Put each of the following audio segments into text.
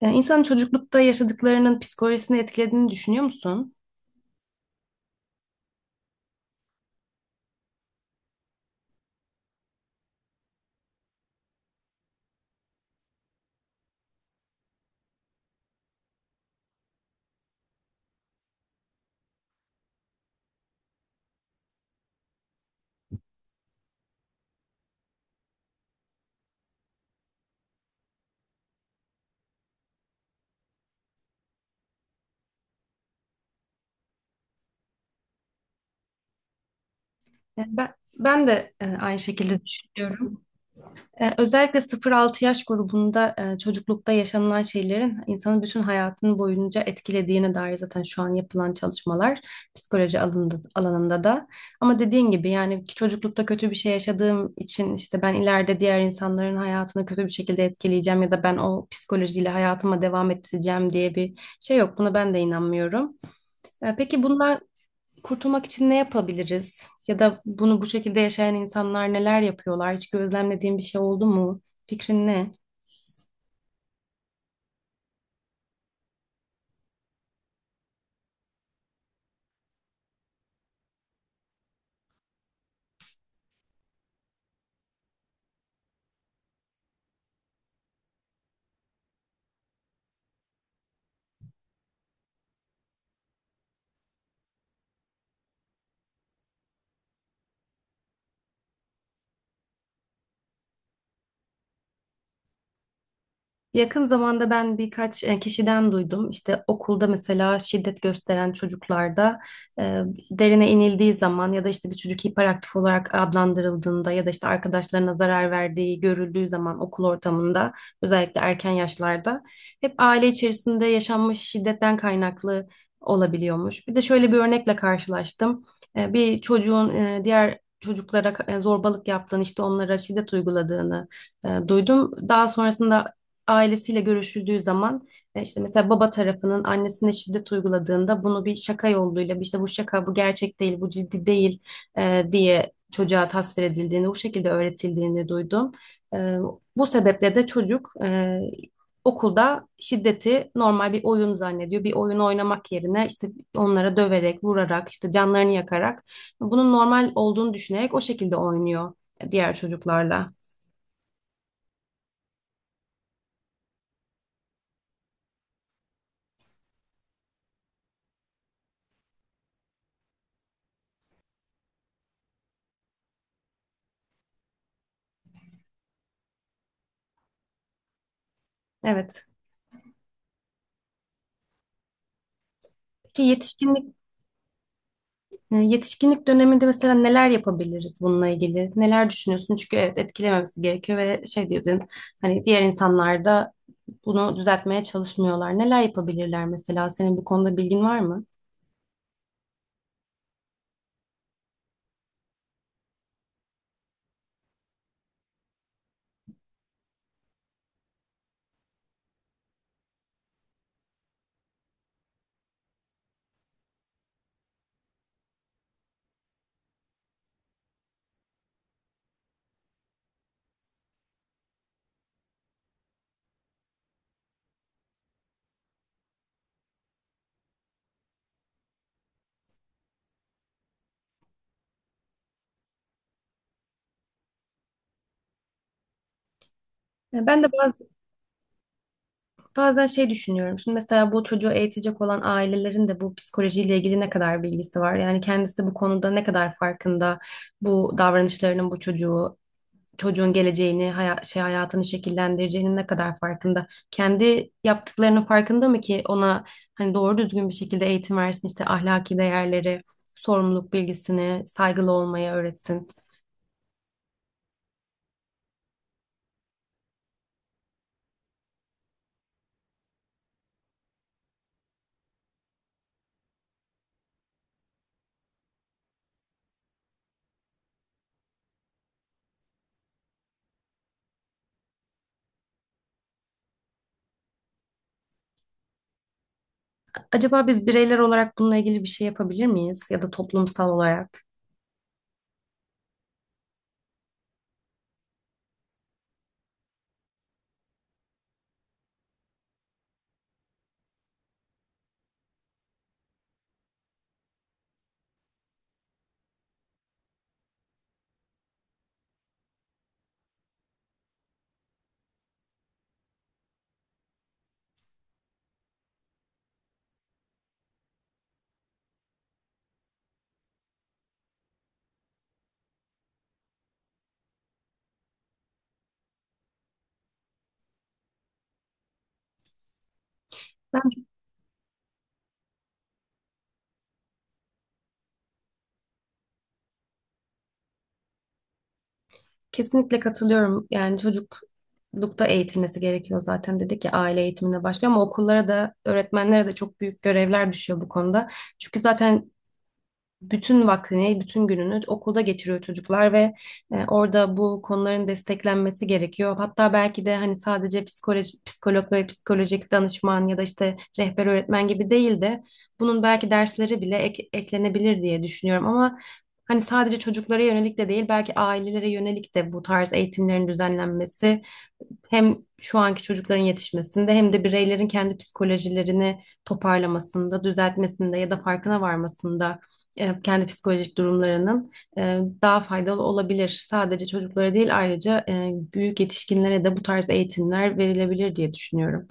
Yani insanın çocuklukta yaşadıklarının psikolojisini etkilediğini düşünüyor musun? Ben de aynı şekilde düşünüyorum. Özellikle 0-6 yaş grubunda çocuklukta yaşanılan şeylerin insanın bütün hayatını boyunca etkilediğine dair zaten şu an yapılan çalışmalar psikoloji alanında da. Ama dediğin gibi yani ki çocuklukta kötü bir şey yaşadığım için işte ben ileride diğer insanların hayatını kötü bir şekilde etkileyeceğim ya da ben o psikolojiyle hayatıma devam edeceğim diye bir şey yok. Buna ben de inanmıyorum. Peki bunlar kurtulmak için ne yapabiliriz? Ya da bunu bu şekilde yaşayan insanlar neler yapıyorlar? Hiç gözlemlediğin bir şey oldu mu? Fikrin ne? Yakın zamanda ben birkaç kişiden duydum. İşte okulda mesela şiddet gösteren çocuklarda e, derine inildiği zaman ya da işte bir çocuk hiperaktif olarak adlandırıldığında ya da işte arkadaşlarına zarar verdiği görüldüğü zaman okul ortamında özellikle erken yaşlarda hep aile içerisinde yaşanmış şiddetten kaynaklı olabiliyormuş. Bir de şöyle bir örnekle karşılaştım. Bir çocuğun diğer çocuklara zorbalık yaptığını işte onlara şiddet uyguladığını duydum. Daha sonrasında ailesiyle görüşüldüğü zaman işte mesela baba tarafının annesine şiddet uyguladığında bunu bir şaka yoluyla işte bu şaka bu gerçek değil bu ciddi değil diye çocuğa tasvir edildiğini bu şekilde öğretildiğini duydum. E, Bu sebeple de çocuk okulda şiddeti normal bir oyun zannediyor. Bir oyun oynamak yerine işte onlara döverek, vurarak, işte canlarını yakarak bunun normal olduğunu düşünerek o şekilde oynuyor diğer çocuklarla. Evet. Ki yetişkinlik Yetişkinlik döneminde mesela neler yapabiliriz bununla ilgili? Neler düşünüyorsun? Çünkü evet etkilememesi gerekiyor ve şey dedin hani diğer insanlar da bunu düzeltmeye çalışmıyorlar. Neler yapabilirler mesela? Senin bu konuda bilgin var mı? Ben de bazen şey düşünüyorum. Şimdi mesela bu çocuğu eğitecek olan ailelerin de bu psikolojiyle ilgili ne kadar bilgisi var? Yani kendisi bu konuda ne kadar farkında? Bu davranışlarının bu çocuğun geleceğini, hayatını şekillendireceğinin ne kadar farkında? Kendi yaptıklarının farkında mı ki ona hani doğru düzgün bir şekilde eğitim versin, işte ahlaki değerleri, sorumluluk bilgisini, saygılı olmayı öğretsin. Acaba biz bireyler olarak bununla ilgili bir şey yapabilir miyiz ya da toplumsal olarak? Ben kesinlikle katılıyorum. Yani çocuklukta eğitilmesi gerekiyor zaten dedik ya aile eğitimine başlıyor ama okullara da öğretmenlere de çok büyük görevler düşüyor bu konuda. Çünkü zaten bütün vaktini, bütün gününü okulda geçiriyor çocuklar ve orada bu konuların desteklenmesi gerekiyor. Hatta belki de hani sadece psikoloji, psikolog ve psikolojik danışman ya da işte rehber öğretmen gibi değil de bunun belki dersleri bile eklenebilir diye düşünüyorum ama hani sadece çocuklara yönelik de değil belki ailelere yönelik de bu tarz eğitimlerin düzenlenmesi hem şu anki çocukların yetişmesinde hem de bireylerin kendi psikolojilerini toparlamasında, düzeltmesinde ya da farkına varmasında kendi psikolojik durumlarının daha faydalı olabilir. Sadece çocuklara değil ayrıca büyük yetişkinlere de bu tarz eğitimler verilebilir diye düşünüyorum.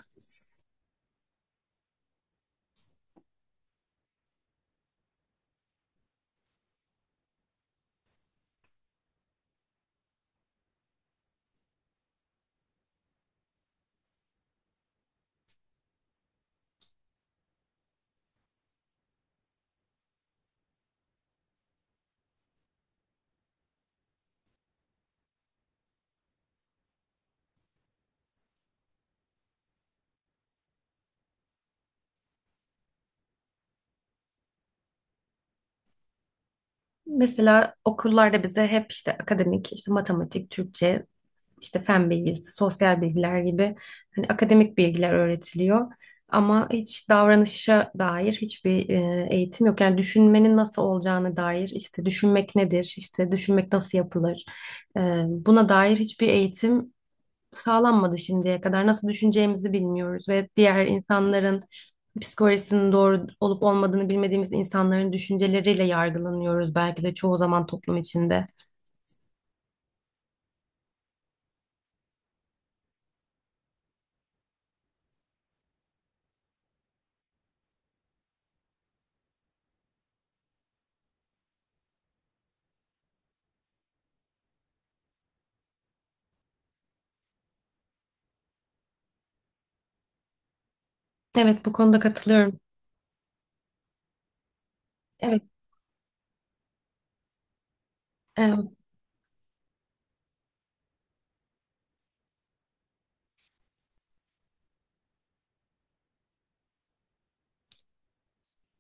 Mesela okullarda bize hep işte akademik, işte matematik, Türkçe, işte fen bilgisi, sosyal bilgiler gibi hani akademik bilgiler öğretiliyor. Ama hiç davranışa dair hiçbir eğitim yok. Yani düşünmenin nasıl olacağına dair, işte düşünmek nedir, işte düşünmek nasıl yapılır, e, buna dair hiçbir eğitim sağlanmadı şimdiye kadar. Nasıl düşüneceğimizi bilmiyoruz ve diğer insanların psikolojisinin doğru olup olmadığını bilmediğimiz insanların düşünceleriyle yargılanıyoruz belki de çoğu zaman toplum içinde. Evet, bu konuda katılıyorum. Evet, evet.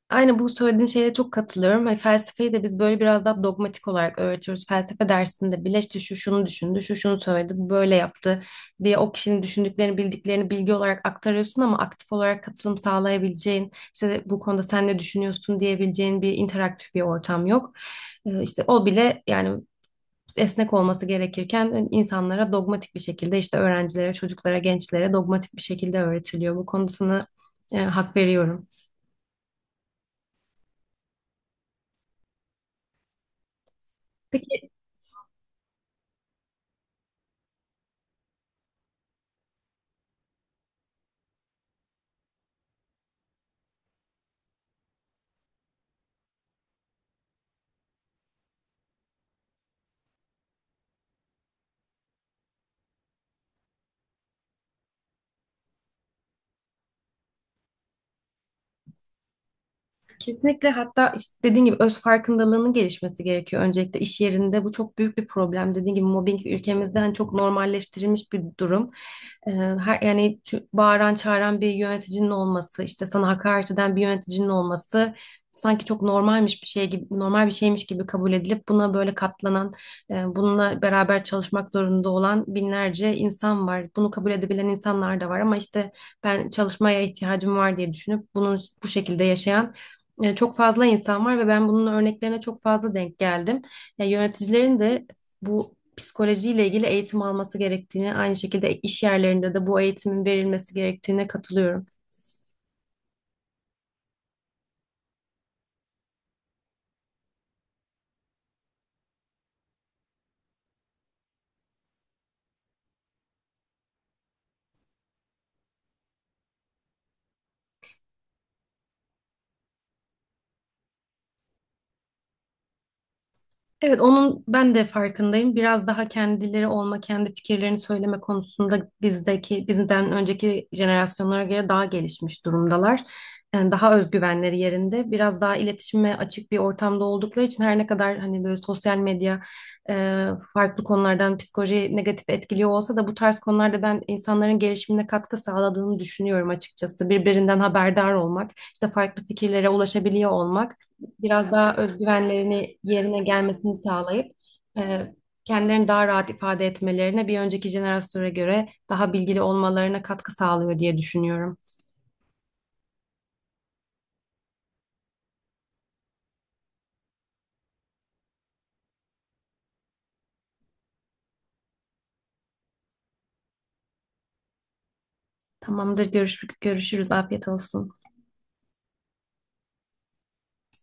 Aynen bu söylediğin şeye çok katılıyorum. Hani felsefeyi de biz böyle biraz daha dogmatik olarak öğretiyoruz. Felsefe dersinde bile işte şu şunu düşündü, şu şunu söyledi, bu böyle yaptı diye o kişinin düşündüklerini, bildiklerini bilgi olarak aktarıyorsun ama aktif olarak katılım sağlayabileceğin, işte bu konuda sen ne düşünüyorsun diyebileceğin bir interaktif bir ortam yok. İşte o bile yani esnek olması gerekirken insanlara dogmatik bir şekilde işte öğrencilere, çocuklara, gençlere dogmatik bir şekilde öğretiliyor. Bu konuda sana hak veriyorum. Peki Kesinlikle hatta işte dediğin gibi öz farkındalığının gelişmesi gerekiyor öncelikle iş yerinde. Bu çok büyük bir problem. Dediğin gibi mobbing ülkemizde hani çok normalleştirilmiş bir durum. Her yani şu bağıran çağıran bir yöneticinin olması, işte sana hakaret eden bir yöneticinin olması sanki çok normalmiş bir şey gibi, normal bir şeymiş gibi kabul edilip buna böyle katlanan, bununla beraber çalışmak zorunda olan binlerce insan var. Bunu kabul edebilen insanlar da var ama işte ben çalışmaya ihtiyacım var diye düşünüp bunun bu şekilde yaşayan çok fazla insan var ve ben bunun örneklerine çok fazla denk geldim. Ya yöneticilerin de bu psikolojiyle ilgili eğitim alması gerektiğini, aynı şekilde iş yerlerinde de bu eğitimin verilmesi gerektiğine katılıyorum. Evet, onun ben de farkındayım. Biraz daha kendileri olma, kendi fikirlerini söyleme konusunda bizdeki, bizden önceki jenerasyonlara göre daha gelişmiş durumdalar. Yani daha özgüvenleri yerinde, biraz daha iletişime açık bir ortamda oldukları için her ne kadar hani böyle sosyal medya e, farklı konulardan psikolojiyi negatif etkiliyor olsa da bu tarz konularda ben insanların gelişimine katkı sağladığını düşünüyorum açıkçası. Birbirinden haberdar olmak, işte farklı fikirlere ulaşabiliyor olmak biraz daha özgüvenlerini yerine gelmesini sağlayıp e, kendilerini daha rahat ifade etmelerine bir önceki jenerasyona göre daha bilgili olmalarına katkı sağlıyor diye düşünüyorum. Tamamdır, görüşürüz. Afiyet olsun.